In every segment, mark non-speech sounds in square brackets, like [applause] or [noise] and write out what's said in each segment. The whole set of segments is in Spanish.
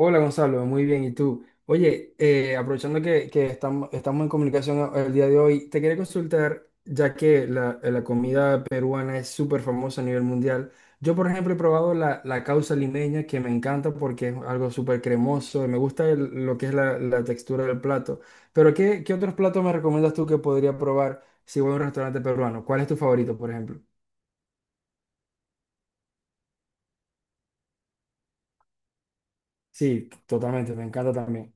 Hola Gonzalo, muy bien. ¿Y tú? Oye, aprovechando que estamos en comunicación, el día de hoy, te quería consultar, ya que la comida peruana es súper famosa a nivel mundial. Yo, por ejemplo, he probado la causa limeña, que me encanta porque es algo súper cremoso, y me gusta lo que es la textura del plato. Pero, ¿qué otros platos me recomiendas tú que podría probar si voy a un restaurante peruano? ¿Cuál es tu favorito, por ejemplo? Sí, totalmente, me encanta también.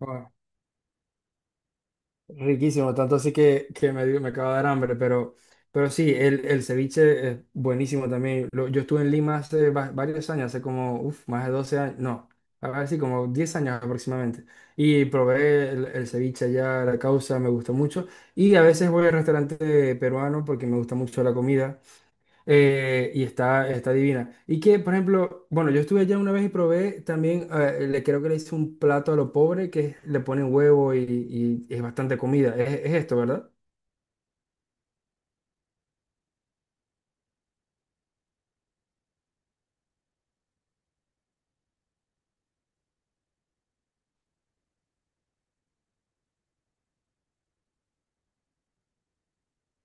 Ujú. Riquísimo, tanto así que me acaba de dar hambre, pero sí, el ceviche es buenísimo también. Yo estuve en Lima hace varios años, hace como, uf, más de 12 años, no, a ver, sí, como 10 años aproximadamente. Y probé el ceviche allá, la causa, me gustó mucho. Y a veces voy al restaurante peruano porque me gusta mucho la comida. Y está, está divina. Y que, por ejemplo, bueno, yo estuve allá una vez y probé también, le creo que le hice un plato a lo pobre le ponen huevo y es bastante comida. Es esto, ¿verdad?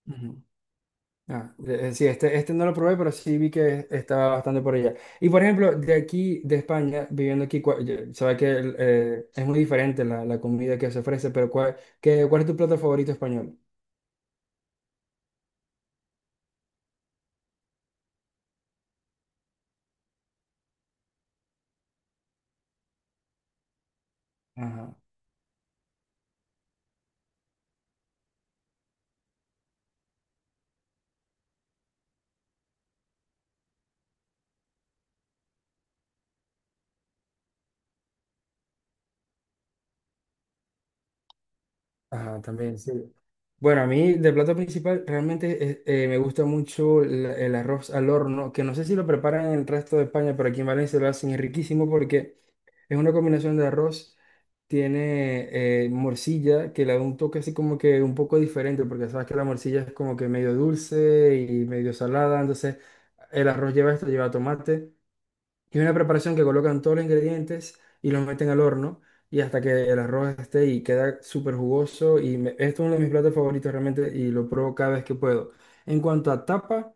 Ujú. Ah, sí, este no lo probé, pero sí vi que estaba bastante por allá. Y por ejemplo, de aquí, de España, viviendo aquí, sabe que es muy diferente la comida que se ofrece, pero ¿cuál es tu plato favorito español? Ajá. Ajá, también, sí. Bueno, a mí de plato principal realmente me gusta mucho arroz al horno, que no sé si lo preparan en el resto de España, pero aquí en Valencia lo hacen, es riquísimo porque es una combinación de arroz, tiene morcilla, que le da un toque así como que un poco diferente, porque sabes que la morcilla es como que medio dulce y medio salada, entonces el arroz lleva esto, lleva tomate. Y una preparación que colocan todos los ingredientes y los meten al horno y hasta que el arroz esté y queda súper jugoso. Y esto es uno de mis platos favoritos realmente y lo pruebo cada vez que puedo. En cuanto a tapa,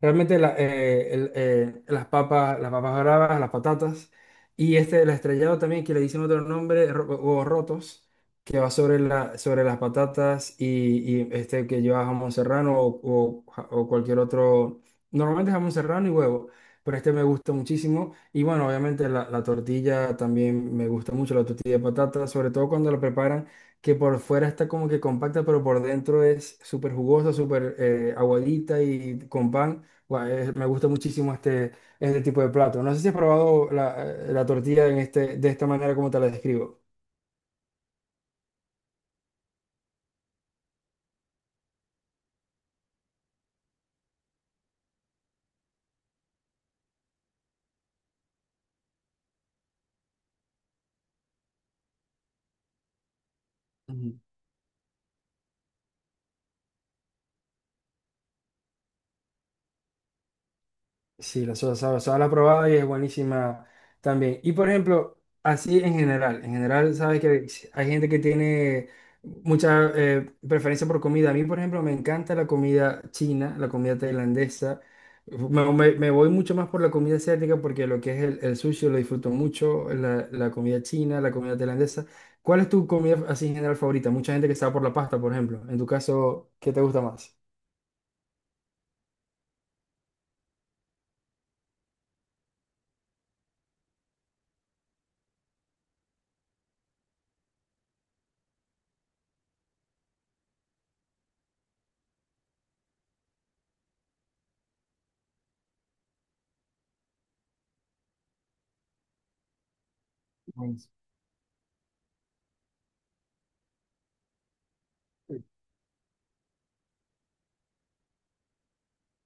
realmente las papas bravas, las patatas y este el estrellado también que le dicen otro nombre, huevos rotos, que va sobre sobre las patatas y este que lleva jamón serrano o cualquier otro. Normalmente jamón serrano y huevo, pero este me gusta muchísimo. Y bueno, obviamente la tortilla también me gusta mucho, la tortilla de patatas, sobre todo cuando la preparan, que por fuera está como que compacta, pero por dentro es súper jugosa, súper aguadita y con pan. Guau, me gusta muchísimo este tipo de plato. No sé si has probado la tortilla de esta manera como te la describo. Ujú. Sí, la soda saba, soda la he probado y es buenísima también. Y por ejemplo, así en general, sabes que hay gente que tiene mucha preferencia por comida. A mí, por ejemplo, me encanta la comida china, la comida tailandesa. Me voy mucho más por la comida asiática porque lo que es el sushi lo disfruto mucho, la comida china, la comida tailandesa. ¿Cuál es tu comida así en general favorita? Mucha gente que está por la pasta, por ejemplo. En tu caso, ¿qué te gusta más?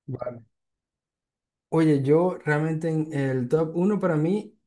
Bueno, oye, yo realmente en el top uno para mí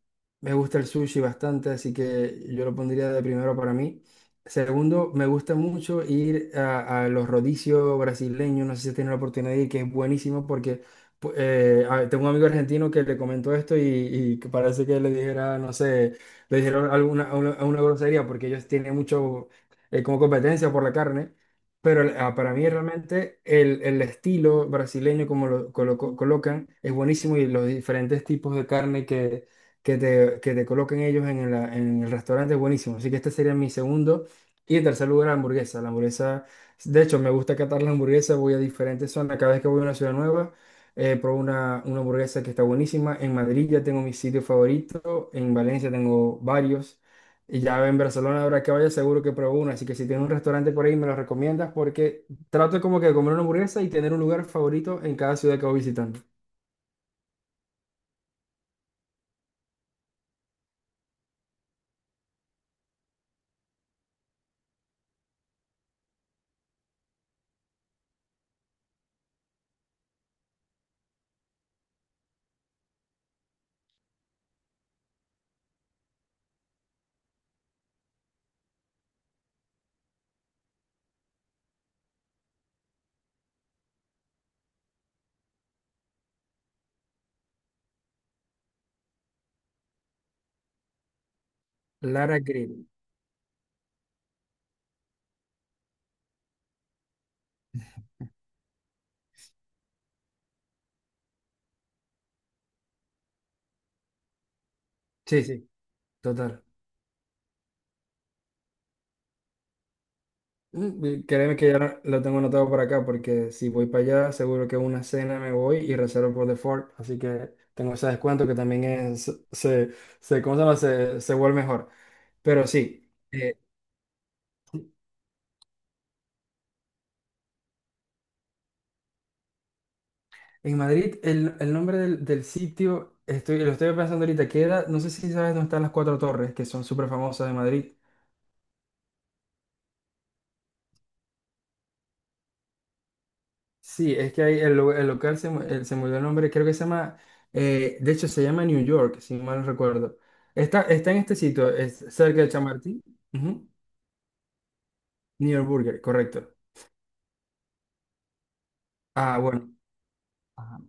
me gusta el sushi bastante, así que yo lo pondría de primero para mí. Segundo, me gusta mucho ir a los rodicios brasileños, no sé si has tenido la oportunidad de ir, que es buenísimo porque tengo un amigo argentino que le comentó esto y que parece que le dijera, no sé, le dijeron una grosería porque ellos tienen mucho como competencia por la carne. Pero para mí realmente el estilo brasileño como lo colocan es buenísimo y los diferentes tipos de carne que te colocan ellos en el restaurante es buenísimo. Así que este sería mi segundo. Y en tercer lugar, la hamburguesa. La hamburguesa, de hecho, me gusta catar la hamburguesa, voy a diferentes zonas. Cada vez que voy a una ciudad nueva, pruebo una hamburguesa que está buenísima. En Madrid ya tengo mi sitio favorito, en Valencia tengo varios. Y ya en Barcelona, ahora que vaya, seguro que pruebo una. Así que si tienes un restaurante por ahí, me lo recomiendas porque trato como que de comer una hamburguesa y tener un lugar favorito en cada ciudad que voy visitando. Lara Grill. Sí, sí, total. Créeme que ya lo tengo anotado por acá porque si voy para allá, seguro que una cena me voy y reservo por default. Así que tengo ese descuento que también es, se, ¿cómo se llama? Se vuelve mejor. Pero sí. En Madrid, el nombre del sitio, lo estoy pensando ahorita, queda, no sé si sabes dónde están las Cuatro Torres, que son súper famosas de Madrid. Sí, es que ahí el local se mudó el nombre, creo que se llama, de hecho se llama New York, si mal no recuerdo. Está en este sitio, es cerca de Chamartín. Ujú. New York Burger, correcto. Ah, bueno, ajá,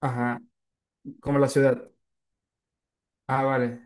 ajá, como la ciudad. Ah, vale.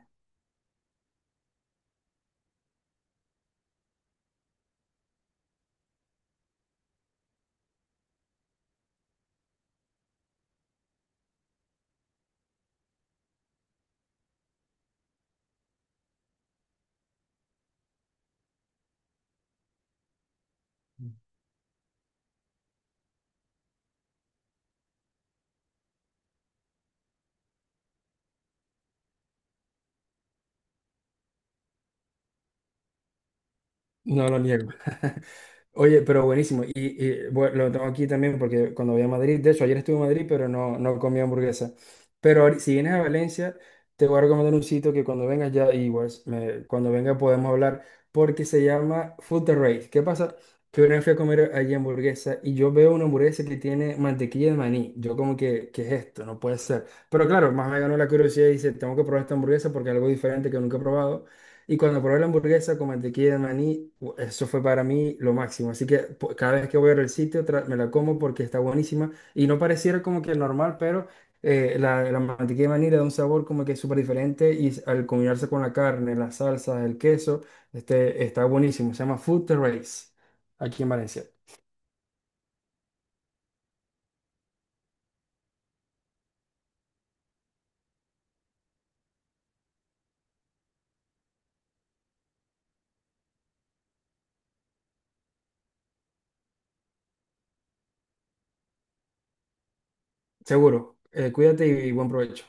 No lo niego. [laughs] Oye, pero buenísimo. Bueno, lo tengo aquí también porque cuando voy a Madrid, de hecho, ayer estuve en Madrid, pero no, no comí hamburguesa. Pero si vienes a Valencia, te voy a recomendar un sitio que cuando vengas ya, igual, cuando venga podemos hablar, porque se llama Food Terrace. ¿Qué pasa? Que una vez fui a comer allí hamburguesa y yo veo una hamburguesa que tiene mantequilla de maní. Yo como que, ¿qué es esto? No puede ser. Pero claro, más me ganó la curiosidad y dice, tengo que probar esta hamburguesa porque es algo diferente que nunca he probado. Y cuando probé la hamburguesa con mantequilla de maní, eso fue para mí lo máximo. Así que cada vez que voy al sitio me la como porque está buenísima. Y no pareciera como que normal, pero la mantequilla de maní le da un sabor como que súper diferente y al combinarse con la carne, las salsas, el queso, este, está buenísimo. Se llama Food Terrace aquí en Valencia. Seguro. Cuídate y buen provecho.